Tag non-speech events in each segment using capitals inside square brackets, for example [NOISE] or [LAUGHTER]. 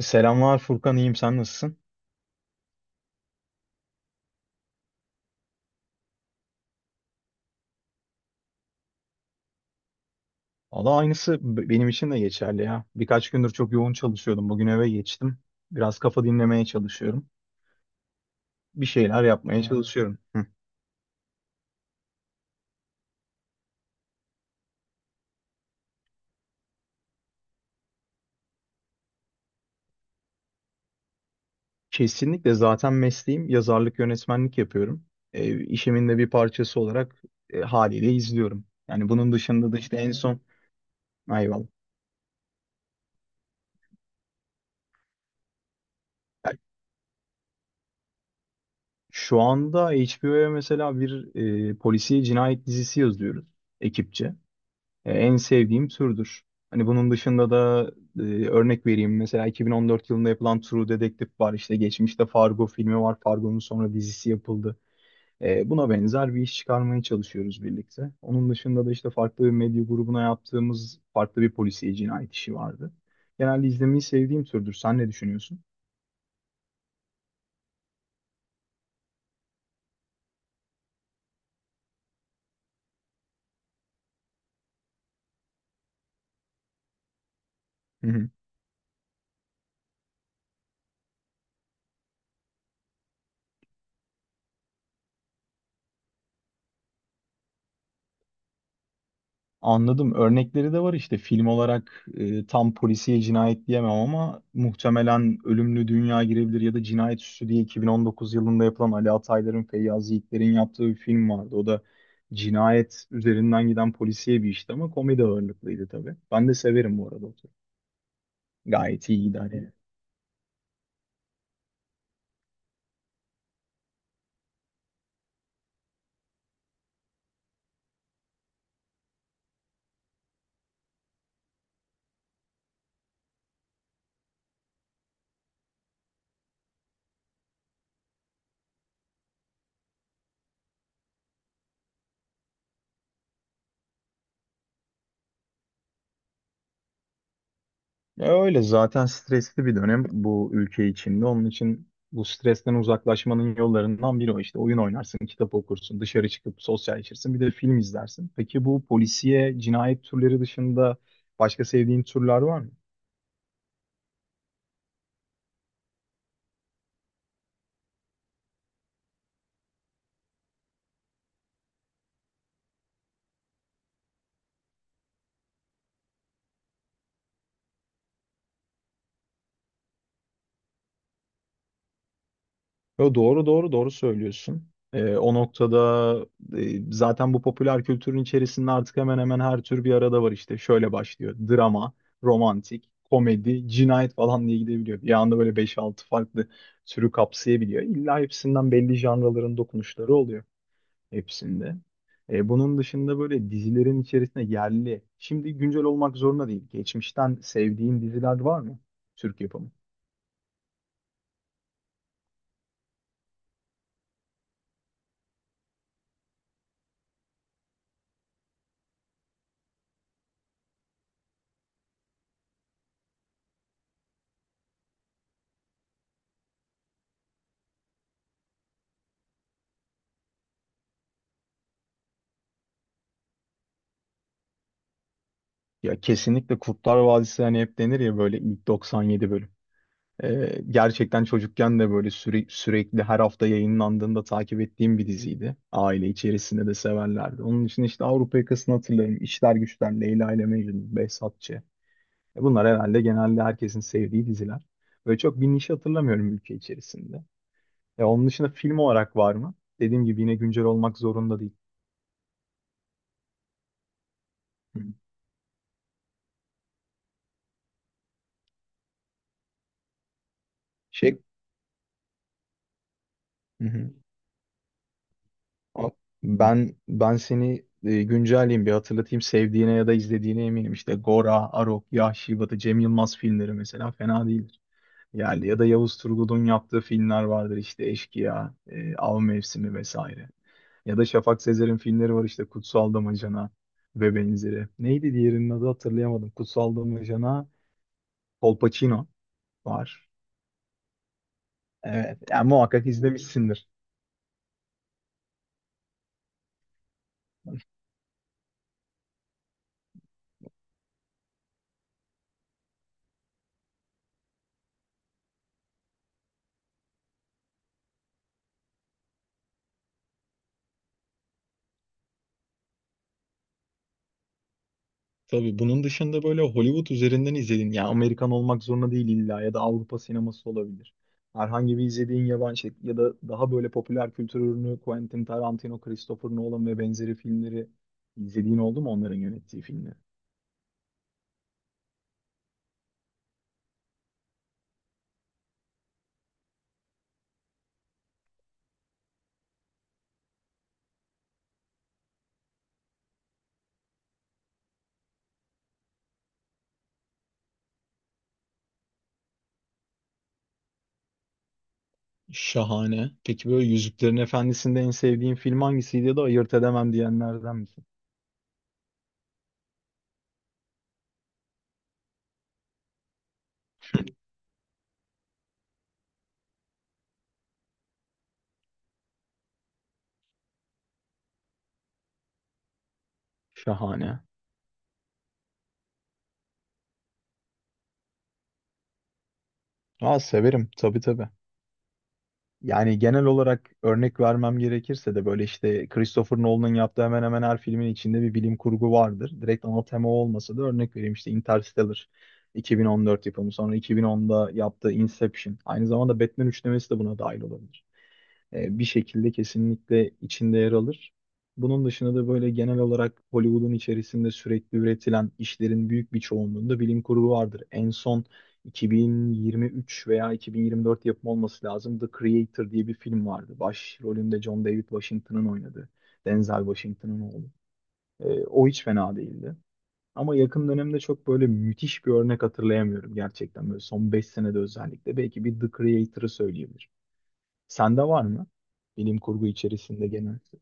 Selamlar Furkan, iyiyim. Sen nasılsın? Valla aynısı benim için de geçerli ya. Birkaç gündür çok yoğun çalışıyordum. Bugün eve geçtim. Biraz kafa dinlemeye çalışıyorum. Bir şeyler yapmaya çalışıyorum. Kesinlikle zaten mesleğim yazarlık, yönetmenlik yapıyorum. İşimin de bir parçası olarak haliyle izliyorum. Yani bunun dışında da işte en son... Eyvallah. Şu anda HBO'ya mesela bir polisiye cinayet dizisi yazıyoruz ekipçe. En sevdiğim türdür. Hani bunun dışında da e, örnek vereyim. Mesela 2014 yılında yapılan True Detective var. İşte geçmişte Fargo filmi var. Fargo'nun sonra dizisi yapıldı. Buna benzer bir iş çıkarmaya çalışıyoruz birlikte. Onun dışında da işte farklı bir medya grubuna yaptığımız farklı bir polisiye cinayet işi vardı. Genelde izlemeyi sevdiğim türdür. Sen ne düşünüyorsun? [LAUGHS] Anladım. Örnekleri de var işte film olarak tam polisiye cinayet diyemem ama muhtemelen Ölümlü Dünya girebilir ya da Cinayet Süsü diye 2019 yılında yapılan Ali Ataylar'ın, Feyyaz Yiğitler'in yaptığı bir film vardı. O da cinayet üzerinden giden polisiye bir işti ama komedi ağırlıklıydı tabii. Ben de severim bu arada o tür. Gayet iyiydi hani. Ya öyle zaten stresli bir dönem bu ülke içinde. Onun için bu stresten uzaklaşmanın yollarından biri o işte. Oyun oynarsın, kitap okursun, dışarı çıkıp sosyalleşirsin, bir de film izlersin. Peki bu polisiye, cinayet türleri dışında başka sevdiğin türler var mı? Yo, doğru doğru doğru söylüyorsun. O noktada zaten bu popüler kültürün içerisinde artık hemen hemen her tür bir arada var işte. Şöyle başlıyor. Drama, romantik, komedi, cinayet falan diye gidebiliyor. Bir anda böyle beş altı farklı türü kapsayabiliyor. İlla hepsinden belli janraların dokunuşları oluyor hepsinde. Bunun dışında böyle dizilerin içerisinde yerli, şimdi güncel olmak zorunda değil. Geçmişten sevdiğin diziler var mı? Türk yapımı. Ya kesinlikle Kurtlar Vadisi hani hep denir ya böyle ilk 97 bölüm. Gerçekten çocukken de böyle sürekli her hafta yayınlandığında takip ettiğim bir diziydi. Aile içerisinde de severlerdi. Onun için işte Avrupa Yakası'nı hatırlarım. İşler Güçler, Leyla ile Mecnun, Behzatçı. Bunlar herhalde genelde herkesin sevdiği diziler. Böyle çok bir niş hatırlamıyorum ülke içerisinde. Onun dışında film olarak var mı? Dediğim gibi yine güncel olmak zorunda değil. Hı. Şey. Hı hı. Ama Ben seni güncelleyeyim bir hatırlatayım sevdiğine ya da izlediğine eminim. İşte Gora, Arok, Yahşi Batı, Cem Yılmaz filmleri mesela fena değildir. Yani ya da Yavuz Turgul'un yaptığı filmler vardır işte Eşkıya, Av Mevsimi vesaire. Ya da Şafak Sezer'in filmleri var işte Kutsal Damacana ve benzeri. Neydi diğerinin adı hatırlayamadım. Kutsal Damacana, Kolpaçino var. Evet, yani muhakkak izlemişsindir. Tabii bunun dışında böyle Hollywood üzerinden izlediğin, yani Amerikan olmak zorunda değil illa ya da Avrupa sineması olabilir. Herhangi bir izlediğin yabancı şey ya da daha böyle popüler kültür ürünü Quentin Tarantino, Christopher Nolan ve benzeri filmleri izlediğin oldu mu onların yönettiği filmleri? Şahane. Peki böyle Yüzüklerin Efendisi'nde en sevdiğin film hangisiydi ya da ayırt edemem diyenlerden misin? Şahane. Aa severim tabii tabii. Yani genel olarak örnek vermem gerekirse de böyle işte Christopher Nolan'ın yaptığı hemen hemen her filmin içinde bir bilim kurgu vardır. Direkt ana tema olmasa da örnek vereyim işte Interstellar 2014 yapımı sonra 2010'da yaptığı Inception. Aynı zamanda Batman üçlemesi de buna dahil olabilir. Bir şekilde kesinlikle içinde yer alır. Bunun dışında da böyle genel olarak Hollywood'un içerisinde sürekli üretilen işlerin büyük bir çoğunluğunda bilim kurgu vardır. En son 2023 veya 2024 yapımı olması lazım. The Creator diye bir film vardı. Başrolünde John David Washington'ın oynadığı. Denzel Washington'ın oğlu. O hiç fena değildi. Ama yakın dönemde çok böyle müthiş bir örnek hatırlayamıyorum gerçekten. Böyle son 5 senede özellikle. Belki bir The Creator'ı söyleyebilirim. Sende var mı? Bilim kurgu içerisinde genelde.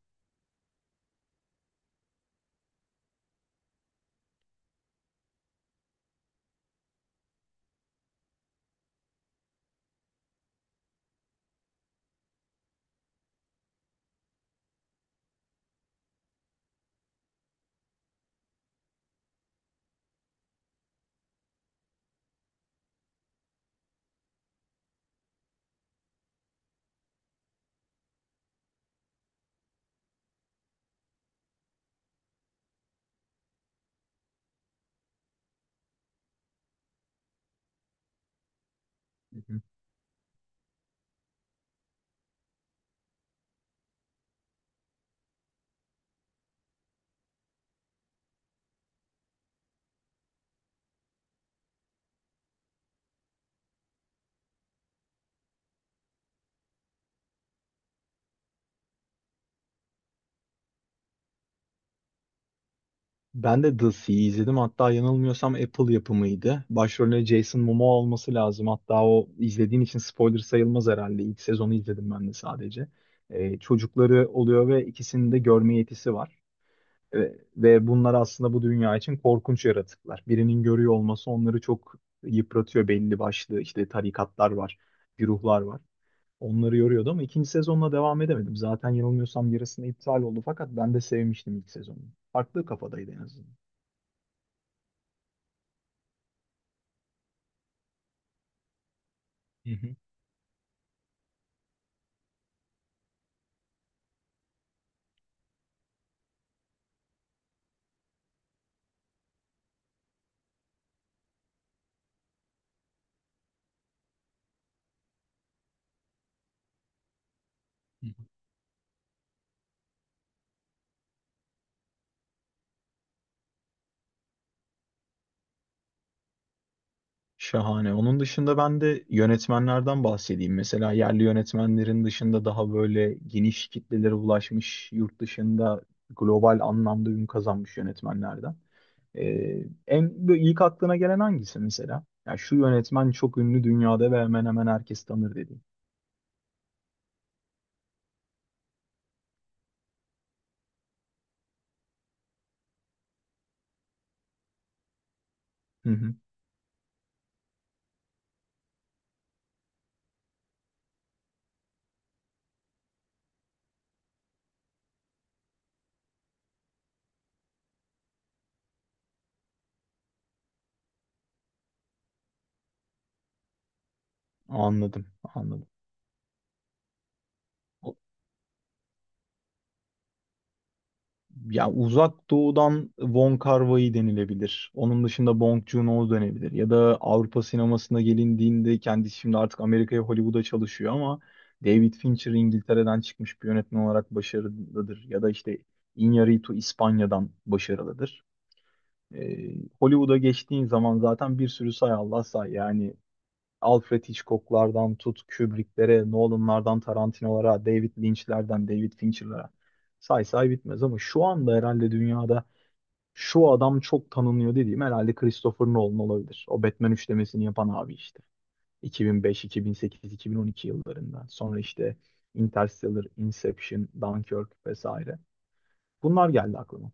Hı hı. Ben de The Sea'yi izledim. Hatta yanılmıyorsam Apple yapımıydı. Başrolünde Jason Momoa olması lazım. Hatta o izlediğin için spoiler sayılmaz herhalde. İlk sezonu izledim ben de sadece. Çocukları oluyor ve ikisinin de görme yetisi var. Ve bunlar aslında bu dünya için korkunç yaratıklar. Birinin görüyor olması onları çok yıpratıyor belli başlı. İşte tarikatlar var, güruhlar var. Onları yoruyordu ama ikinci sezonla devam edemedim. Zaten yanılmıyorsam yarısında iptal oldu fakat ben de sevmiştim ilk sezonu. Farklı kafadaydı en azından. Hı hı, hı hı. Şahane. Onun dışında ben de yönetmenlerden bahsedeyim. Mesela yerli yönetmenlerin dışında daha böyle geniş kitlelere ulaşmış, yurt dışında global anlamda ün kazanmış yönetmenlerden. En böyle ilk aklına gelen hangisi mesela? Ya şu yönetmen çok ünlü dünyada ve hemen hemen herkes tanır dediğin. Hı hı. Anladım, anladım. Ya Uzak Doğu'dan Wong Kar-wai denilebilir. Onun dışında Bong Joon-ho denilebilir. Ya da Avrupa sinemasına gelindiğinde kendisi şimdi artık Amerika'ya Hollywood'a çalışıyor ama David Fincher İngiltere'den çıkmış bir yönetmen olarak başarılıdır. Ya da işte Iñárritu İspanya'dan başarılıdır. Hollywood'a geçtiğin zaman zaten bir sürü say Allah say yani Alfred Hitchcock'lardan tut, Kubrick'lere, Nolan'lardan Tarantino'lara, David Lynch'lerden David Fincher'lara say say bitmez ama şu anda herhalde dünyada şu adam çok tanınıyor dediğim herhalde Christopher Nolan olabilir. O Batman üçlemesini yapan abi işte. 2005, 2008, 2012 yıllarında. Sonra işte Interstellar, Inception, Dunkirk vesaire. Bunlar geldi aklıma.